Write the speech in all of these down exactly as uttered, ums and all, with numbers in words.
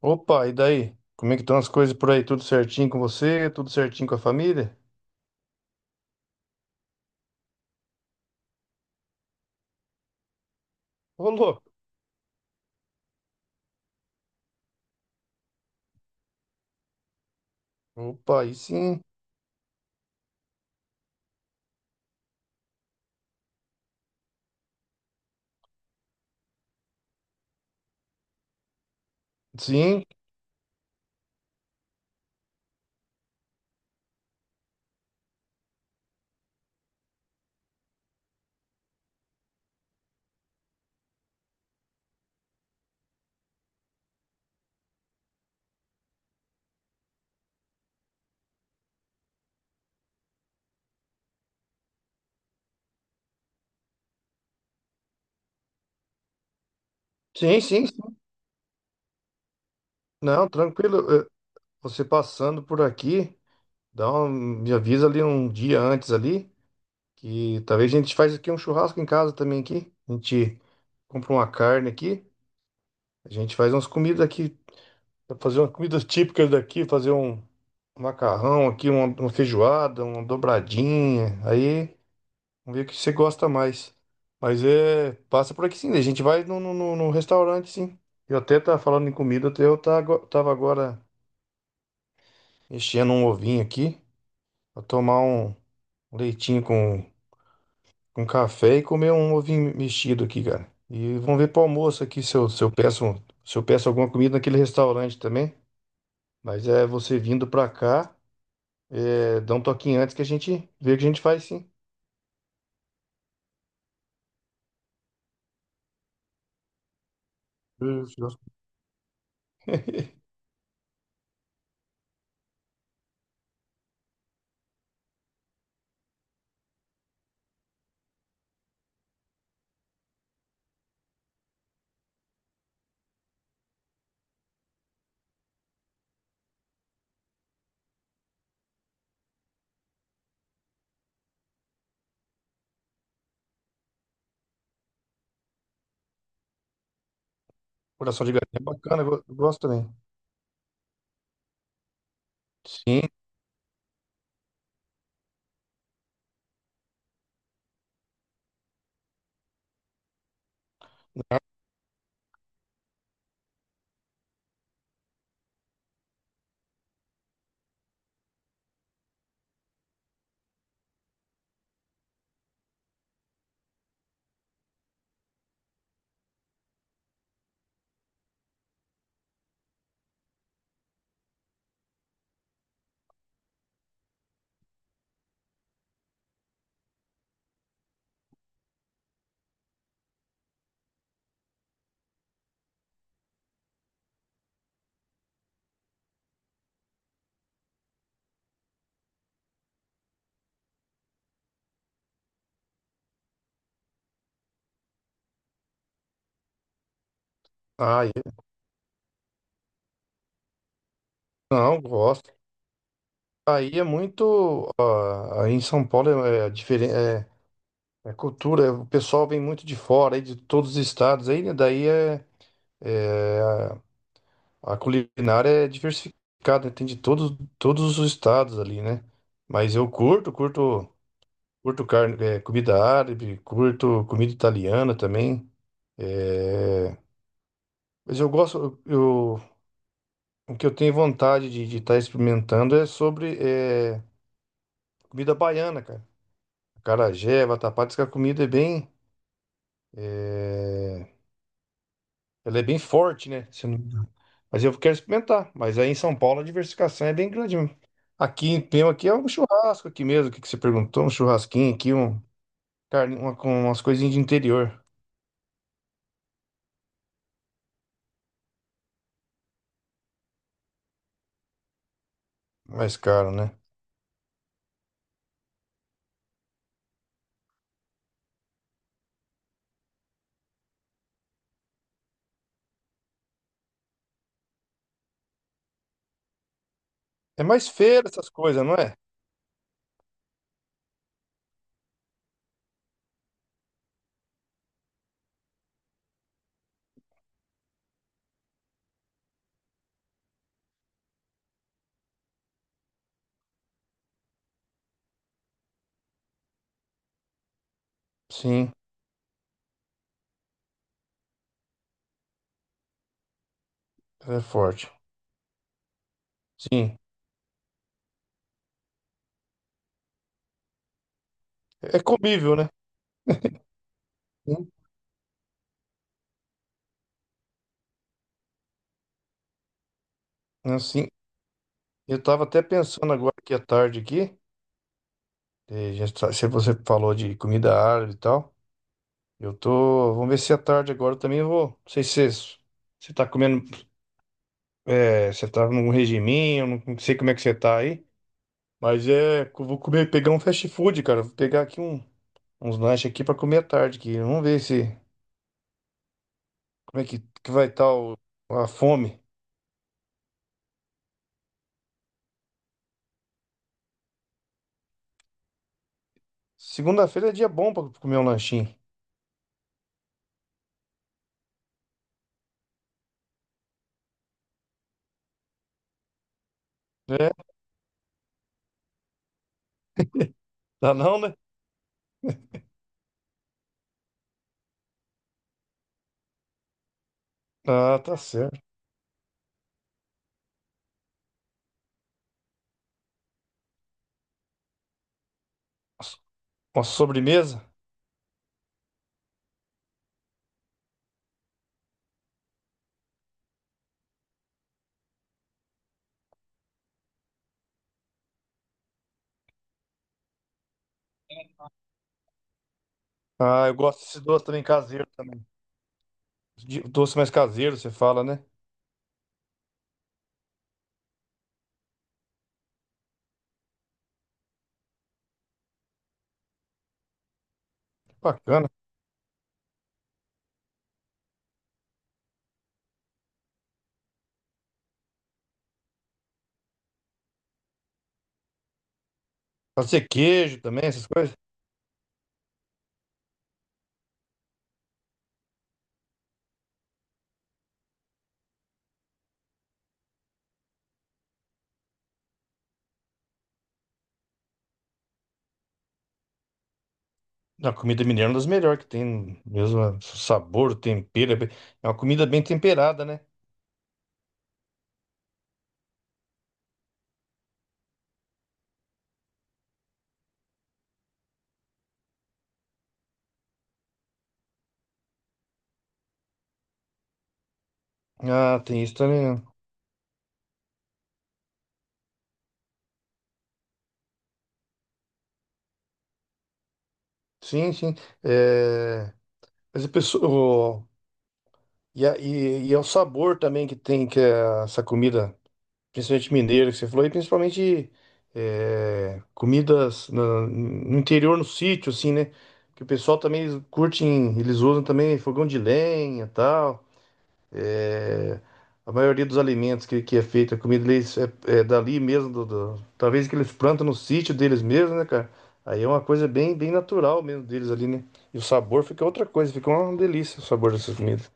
Opa, e daí? Como é que estão as coisas por aí? Tudo certinho com você? Tudo certinho com a família? Ô, louco! Opa, aí sim. Sim, sim, sim, sim. Não, tranquilo. Eh, Você passando por aqui, dá um, me avisa ali um dia antes ali, que talvez a gente faz aqui um churrasco em casa também aqui. A gente compra uma carne aqui, a gente faz umas comidas aqui, fazer umas comidas típicas daqui, fazer um macarrão aqui, uma, uma feijoada, uma dobradinha. Aí vamos ver o que você gosta mais. Mas é. Passa por aqui sim. A gente vai no, no, no- no restaurante, sim. Eu até tava falando em comida, até eu tá ago- tava agora mexendo um ovinho aqui. Pra tomar um leitinho com, com café e comer um ovinho mexido aqui, cara. E vamos ver pro almoço aqui se eu, se eu peço, se eu peço alguma comida naquele restaurante também. Mas é você vindo pra cá, é, dá um toquinho antes que a gente vê o que a gente faz, sim. Eu gosto- Coração de galinha é bacana, eu go- eu gosto também. Sim. Ah, Não, gosto. Aí é muito. ah, Aí em São Paulo é, diferente. É, é cultura, é- o pessoal vem muito de fora, aí de todos os estados, aí, né? Daí é, é, a a culinária é diversificada, né, tem de todos, todos os estados ali, né? Mas eu curto, curto, curto carne, é, comida árabe, curto comida italiana também. é, mas eu gosto, eu, o que eu tenho vontade de estar experimentando é sobre é, comida baiana, cara. Acarajé, vatapá, diz que a comida é bem. é, Ela é bem forte, né? Se não- Mas eu quero experimentar. Mas aí em São Paulo a diversificação é bem grande mesmo. Aqui em Pema aqui é um churrasco aqui mesmo, o que que você perguntou? Um churrasquinho aqui, um carne, uma, com umas coisinhas de interior. Mais caro, né? É mais feira essas coisas, não é? Sim, é forte. Sim. É comível, né? Sim. Assim, eu tava até pensando agora aqui à tarde aqui, eh, já tá- se você falou de comida árabe e tal. Eu tô. Vamos ver se à tarde agora eu também eu vou. Não sei se você você tá comendo. É, você tá num regiminho, não não sei como é que você tá aí. Mas é. Eu Vou comer, pegar um fast food, cara. Vou pegar aqui um, uns lanches aqui pra comer à tarde aqui. Vamos ver se. Como é que, que vai estar a fome. Segunda-feira é dia bom pra comer um lanchinho. É, tá não, né? Ah, tá certo. Uma sobremesa? Ah, eu gosto desse doce também caseiro também. De- Doce mais caseiro, você fala, né? Bacana. Pode ser queijo também, essas coisas. A comida mineira é uma das melhores que tem, mesmo é, sabor, o tempero, é bem- é uma comida bem temperada, né? Ah, tem isso também. Né? Sim, sim. É, mas a pessoa, o- e, a- e, e é o sabor também que tem que é essa comida, principalmente mineira que você falou, e principalmente é, comidas na- no interior, no sítio, assim, né? Que o pessoal também eles curtem, eles usam também fogão de lenha, tal. É, a maioria dos alimentos que, que é feita, a comida deles é, é dali mesmo, do, do- talvez que eles plantam no sítio deles mesmo, né, cara? Aí é uma coisa bem, bem natural mesmo deles ali, né? E o sabor fica outra coisa, fica uma delícia o sabor dessas comidas.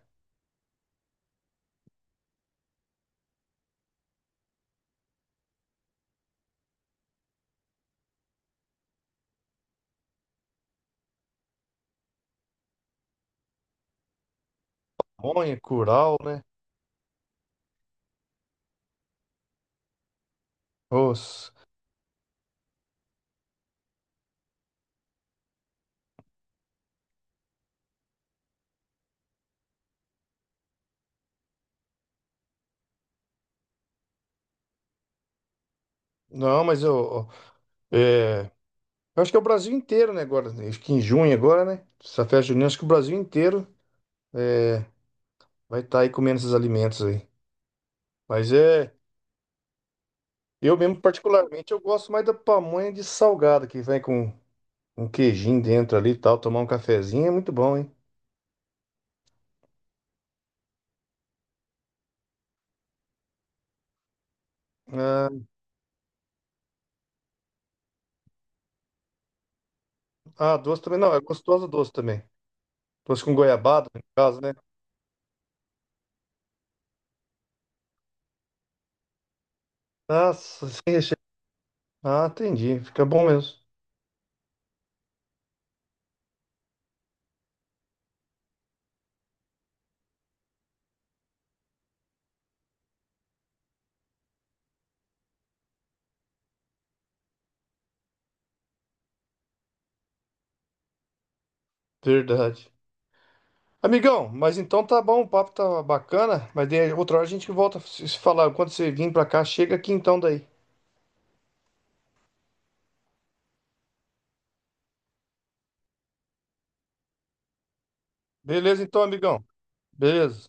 Pamonha, curau, né? Nossa. Não, mas eu, é, eu acho que é o Brasil inteiro, né, agora, né? Acho que em junho agora, né? Essa festa junina, acho que o Brasil inteiro vai estar aí comendo esses alimentos aí. Mas é, eu mesmo particularmente, eu gosto mais da pamonha de salgada que vem com um queijinho dentro ali e tal, tomar um cafezinho é muito bom, hein? Ah, ah, doce também não, é gostoso doce também. Doce com goiabada, no caso, né? Nossa, sem recheio. Ah, entendi, fica bom mesmo. Verdade. Amigão, mas então tá bom, o papo tá bacana, mas daí outra hora a gente volta a se se falar. Quando você vir pra cá, chega aqui então daí. Beleza então, amigão? Beleza.